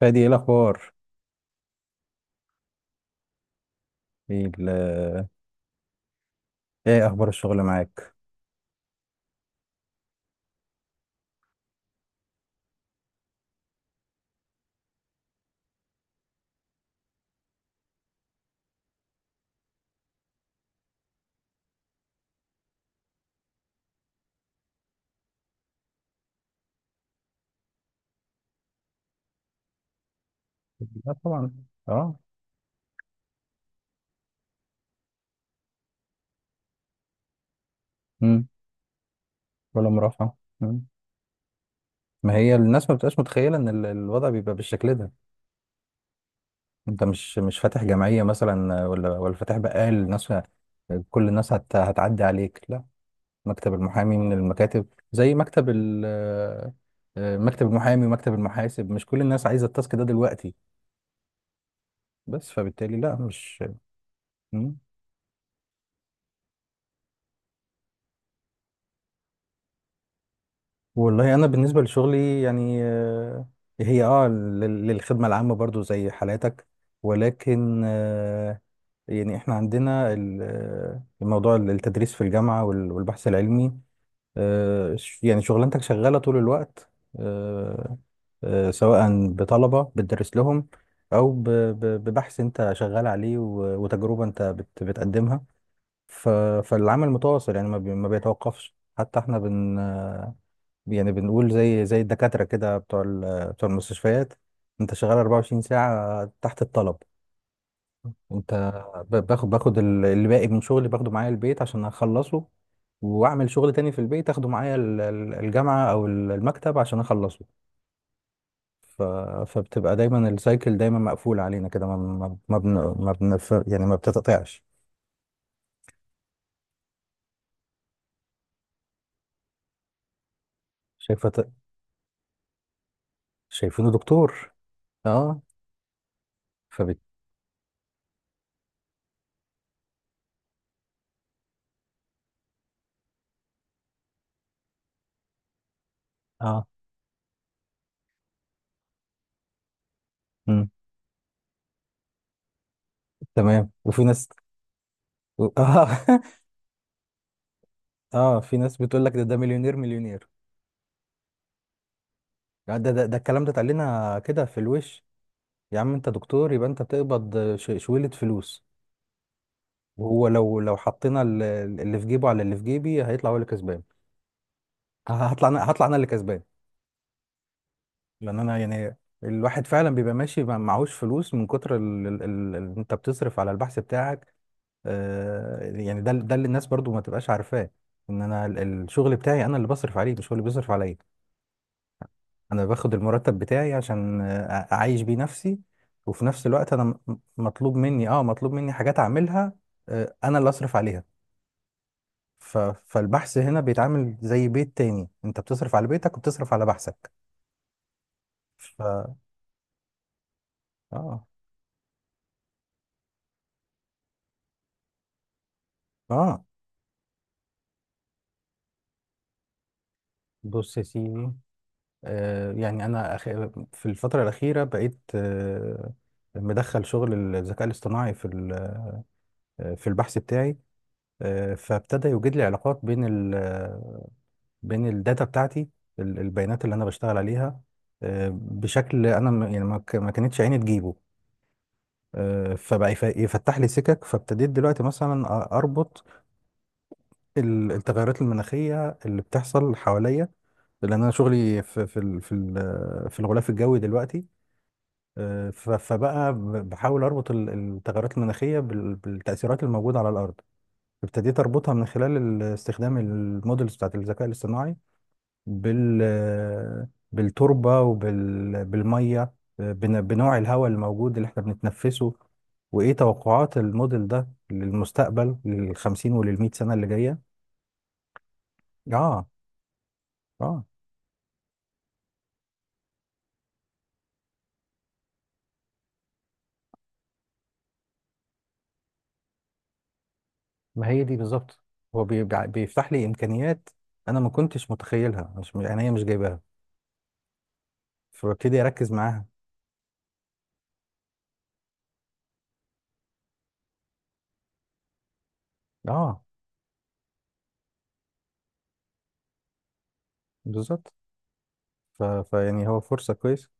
فادي، ايه الاخبار؟ ايه ال- ايه اخبار الشغل معاك؟ لا طبعا. اه. امم. ولا مرافعه، مم. ما هي الناس ما بتبقاش متخيله ان الوضع بيبقى بالشكل ده. انت مش فاتح جمعيه مثلا، ولا فاتح بقال الناس. كل الناس هتعدي عليك، لا. مكتب المحامي من المكاتب زي مكتب ال آه، مكتب المحامي ومكتب المحاسب مش كل الناس عايزه التاسك ده دلوقتي. بس فبالتالي لا، مش. مم. والله انا بالنسبه لشغلي يعني، هي للخدمه العامه برضو زي حالاتك، ولكن، يعني احنا عندنا الموضوع التدريس في الجامعه والبحث العلمي. يعني شغلانتك شغاله طول الوقت. آه، سواء بطلبه بتدرس لهم، او ببحث انت شغال عليه و وتجربه انت بتقدمها. ف- فالعمل متواصل يعني ما بيتوقفش، حتى احنا يعني بنقول زي الدكاترة كده، بتوع المستشفيات. انت شغال 24 ساعة تحت الطلب. انت باخد اللي باقي من شغلي باخده معايا البيت عشان اخلصه، واعمل شغل تاني في البيت، اخده معايا الجامعة او المكتب عشان اخلصه. ف... فبتبقى دايما السايكل دايما مقفول علينا كده، ما ما ما, يعني ما بتتقطعش. شايفه. شايفينه دكتور. اه. فبت اه. مم. تمام، وفي ناس اه اه، في ناس بتقول لك ده مليونير مليونير. يعني ده الكلام ده اتقالنا كده في الوش. يا عم انت دكتور، يبقى انت بتقبض شويلة فلوس. وهو لو حطينا اللي في جيبه على اللي في جيبي، هيطلع هو اللي كسبان. هطلع انا اللي كسبان. لان انا يعني، الواحد فعلا بيبقى ماشي معهوش فلوس من كتر اللي انت بتصرف على البحث بتاعك. يعني ده اللي الناس برضو ما تبقاش عارفاه، ان انا الشغل بتاعي انا اللي بصرف عليه، مش هو اللي بيصرف عليا. انا باخد المرتب بتاعي عشان اعيش بيه نفسي، وفي نفس الوقت انا مطلوب مني حاجات اعملها. انا اللي اصرف عليها. ف- فالبحث هنا بيتعامل زي بيت تاني، انت بتصرف على بيتك وبتصرف على بحثك. ف اه. اه. بص يا سيدي. يعني انا، في الفترة الأخيرة بقيت، مدخل شغل الذكاء الاصطناعي في البحث بتاعي. فابتدى يوجد لي علاقات بين الداتا بتاعتي، البيانات اللي انا بشتغل عليها، بشكل انا يعني ما كانتش عيني تجيبه. فبقى يفتح لي سكك، فابتديت دلوقتي مثلا اربط التغيرات المناخيه اللي بتحصل حواليا، لان انا شغلي في الغلاف الجوي دلوقتي. فبقى بحاول اربط التغيرات المناخيه بالتاثيرات الموجوده على الارض. ابتديت اربطها من خلال استخدام المودلز بتاعت الذكاء الاصطناعي، بال بالتربة وبالمية، بنوع الهواء الموجود اللي احنا بنتنفسه، وإيه توقعات الموديل ده للمستقبل، للخمسين وللمية سنة اللي جاية؟ آه آه ما هي دي بالظبط. هو بيفتح لي إمكانيات أنا ما كنتش متخيلها، مش يعني هي مش جايباها. فببتدي أركز معاها. آه، بالظبط. فيعني هو فرصة كويسة.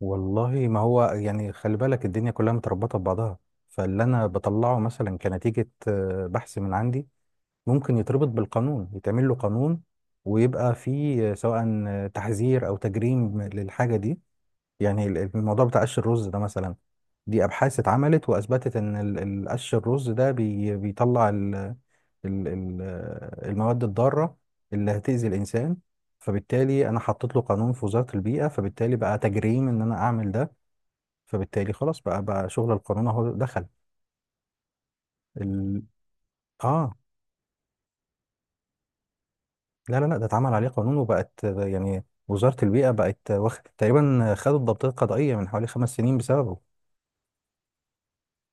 والله، ما هو يعني، خلي بالك الدنيا كلها متربطة ببعضها. فاللي أنا بطلعه مثلا كنتيجة بحث من عندي، ممكن يتربط بالقانون، يتعمل له قانون، ويبقى فيه سواء تحذير أو تجريم للحاجة دي. يعني الموضوع بتاع قش الرز ده مثلا، دي أبحاث اتعملت وأثبتت إن قش الرز ده بيطلع ال- ال- المواد الضارة اللي هتأذي الإنسان. فبالتالي أنا حطيت له قانون في وزارة البيئة، فبالتالي بقى تجريم إن أنا أعمل ده. فبالتالي خلاص بقى شغل القانون اهو دخل ال... اه. لا لا لا، ده اتعمل عليه قانون، وبقت يعني وزارة البيئة بقت واخد تقريبا، خدوا الضبطية القضائية من حوالي 5 سنين بسببه.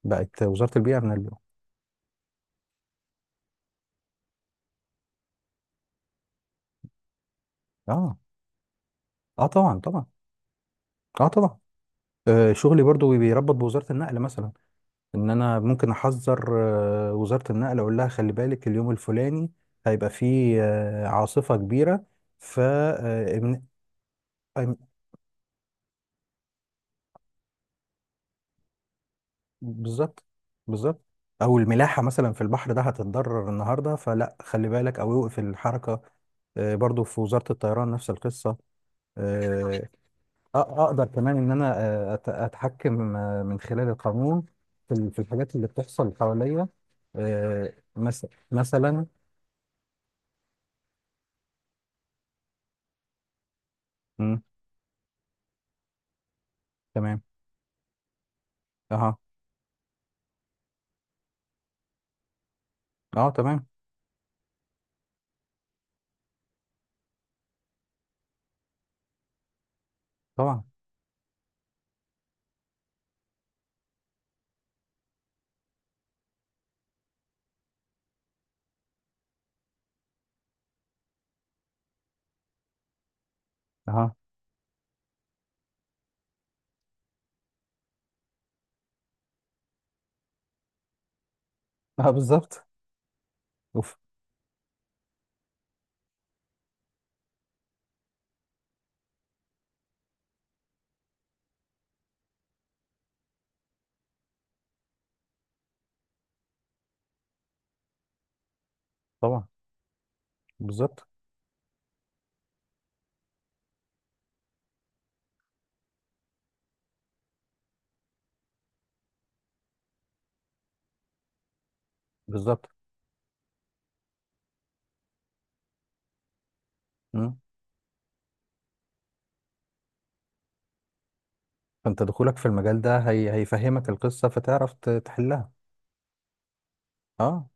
بقت وزارة البيئة اه. اه طبعا طبعا. اه طبعا. شغلي برضو بيربط بوزارة النقل مثلا، ان انا ممكن احذر وزارة النقل، اقول لها خلي بالك اليوم الفلاني هيبقى فيه عاصفة كبيرة. ف بالظبط. بالظبط. او الملاحه مثلا في البحر، ده هتتضرر النهارده، فلا خلي بالك، او يوقف الحركه. برضو في وزاره الطيران نفس القصه. آه، اقدر كمان ان انا، اتحكم من خلال القانون في الحاجات اللي بتحصل حواليا، مثلا. مم. تمام. اها. اه، تمام. طبعا. اها. اه، بالظبط. اوف. طبعا. بالظبط. بالظبط. مم. فانت دخولك في المجال ده هيفهمك القصه، فتعرف تحلها. اه.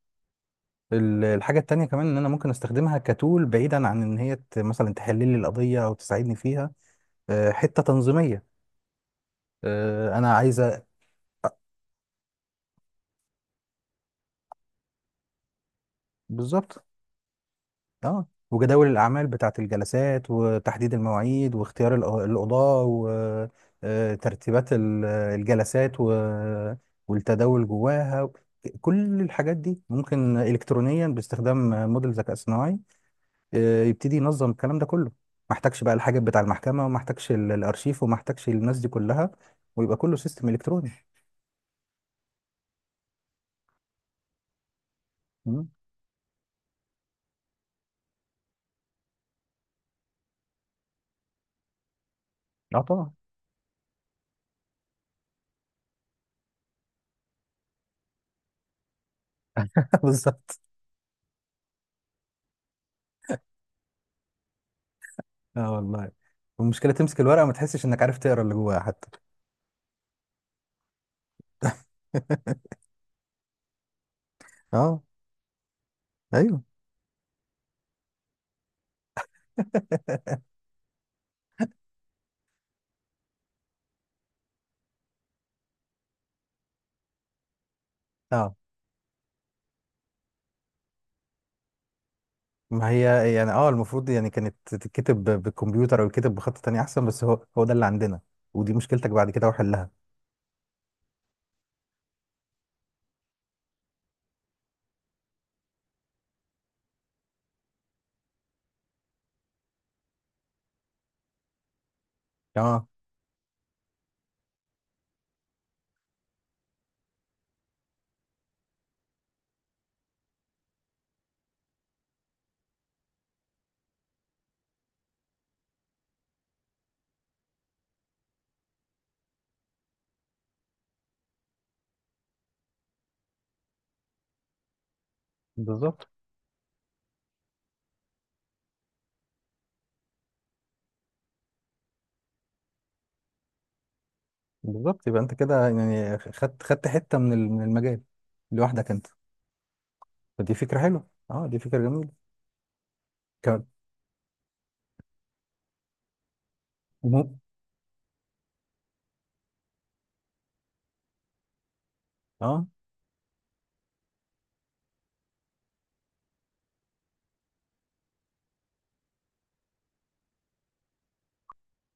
الحاجة التانية كمان ان انا ممكن استخدمها كتول، بعيدا عن ان هي مثلا تحل لي القضية او تساعدني فيها. حتة تنظيمية. انا عايزة، آه، بالظبط. اه، وجداول الاعمال بتاعة الجلسات وتحديد المواعيد واختيار القضاة، وترتيبات الجلسات والتداول جواها، كل الحاجات دي ممكن الكترونيا باستخدام موديل ذكاء صناعي. يبتدي ينظم الكلام ده كله. ما احتاجش بقى الحاجة بتاع المحكمة، وما احتاجش الارشيف، وما احتاجش الناس دي كلها، ويبقى كله سيستم الكتروني. مم. اه، طبعا. بالظبط. اه، والله. والمشكلة تمسك الورقة ما تحسش انك عارف تقرا اللي جواها حتى. اه. ايوه. اه. ما هي يعني، المفروض يعني كانت تتكتب بالكمبيوتر، او يتكتب بخط تاني احسن، بس هو ده اللي عندنا، ودي مشكلتك بعد كده وحلها. اه، بالظبط، بالظبط. يبقى انت كده يعني خدت حتة من من المجال لوحدك انت. فدي فكرة حلوة، اه، دي فكرة جميلة. ك... مو- اه،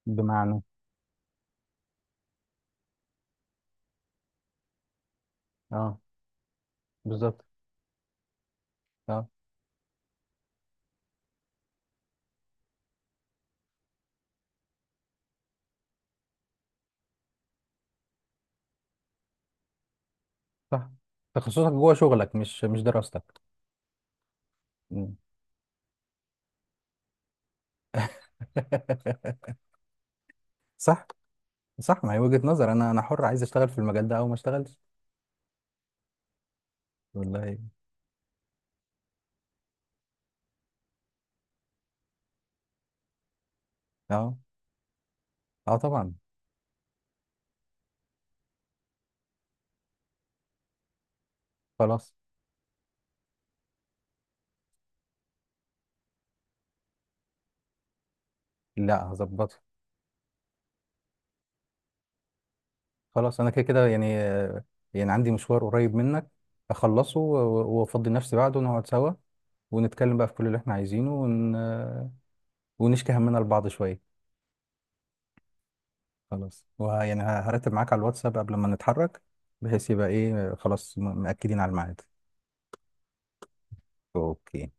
بمعنى. اه، بالظبط. اه، صح. تخصصك جوه شغلك مش دراستك. مم. صح. صح، ما هي وجهة نظر، انا حر عايز اشتغل في المجال ده او ما اشتغلش. والله. اه. اه، طبعا. خلاص. لا، هظبطها. خلاص انا كده كده يعني، يعني عندي مشوار قريب منك، اخلصه وافضي نفسي بعده ونقعد سوا، ونتكلم بقى في كل اللي احنا عايزينه، ون... آه، ونشكي همنا لبعض شوية. خلاص. ويعني هرتب معاك على الواتساب قبل ما نتحرك، بحيث يبقى ايه، خلاص مأكدين على الميعاد. اوكي.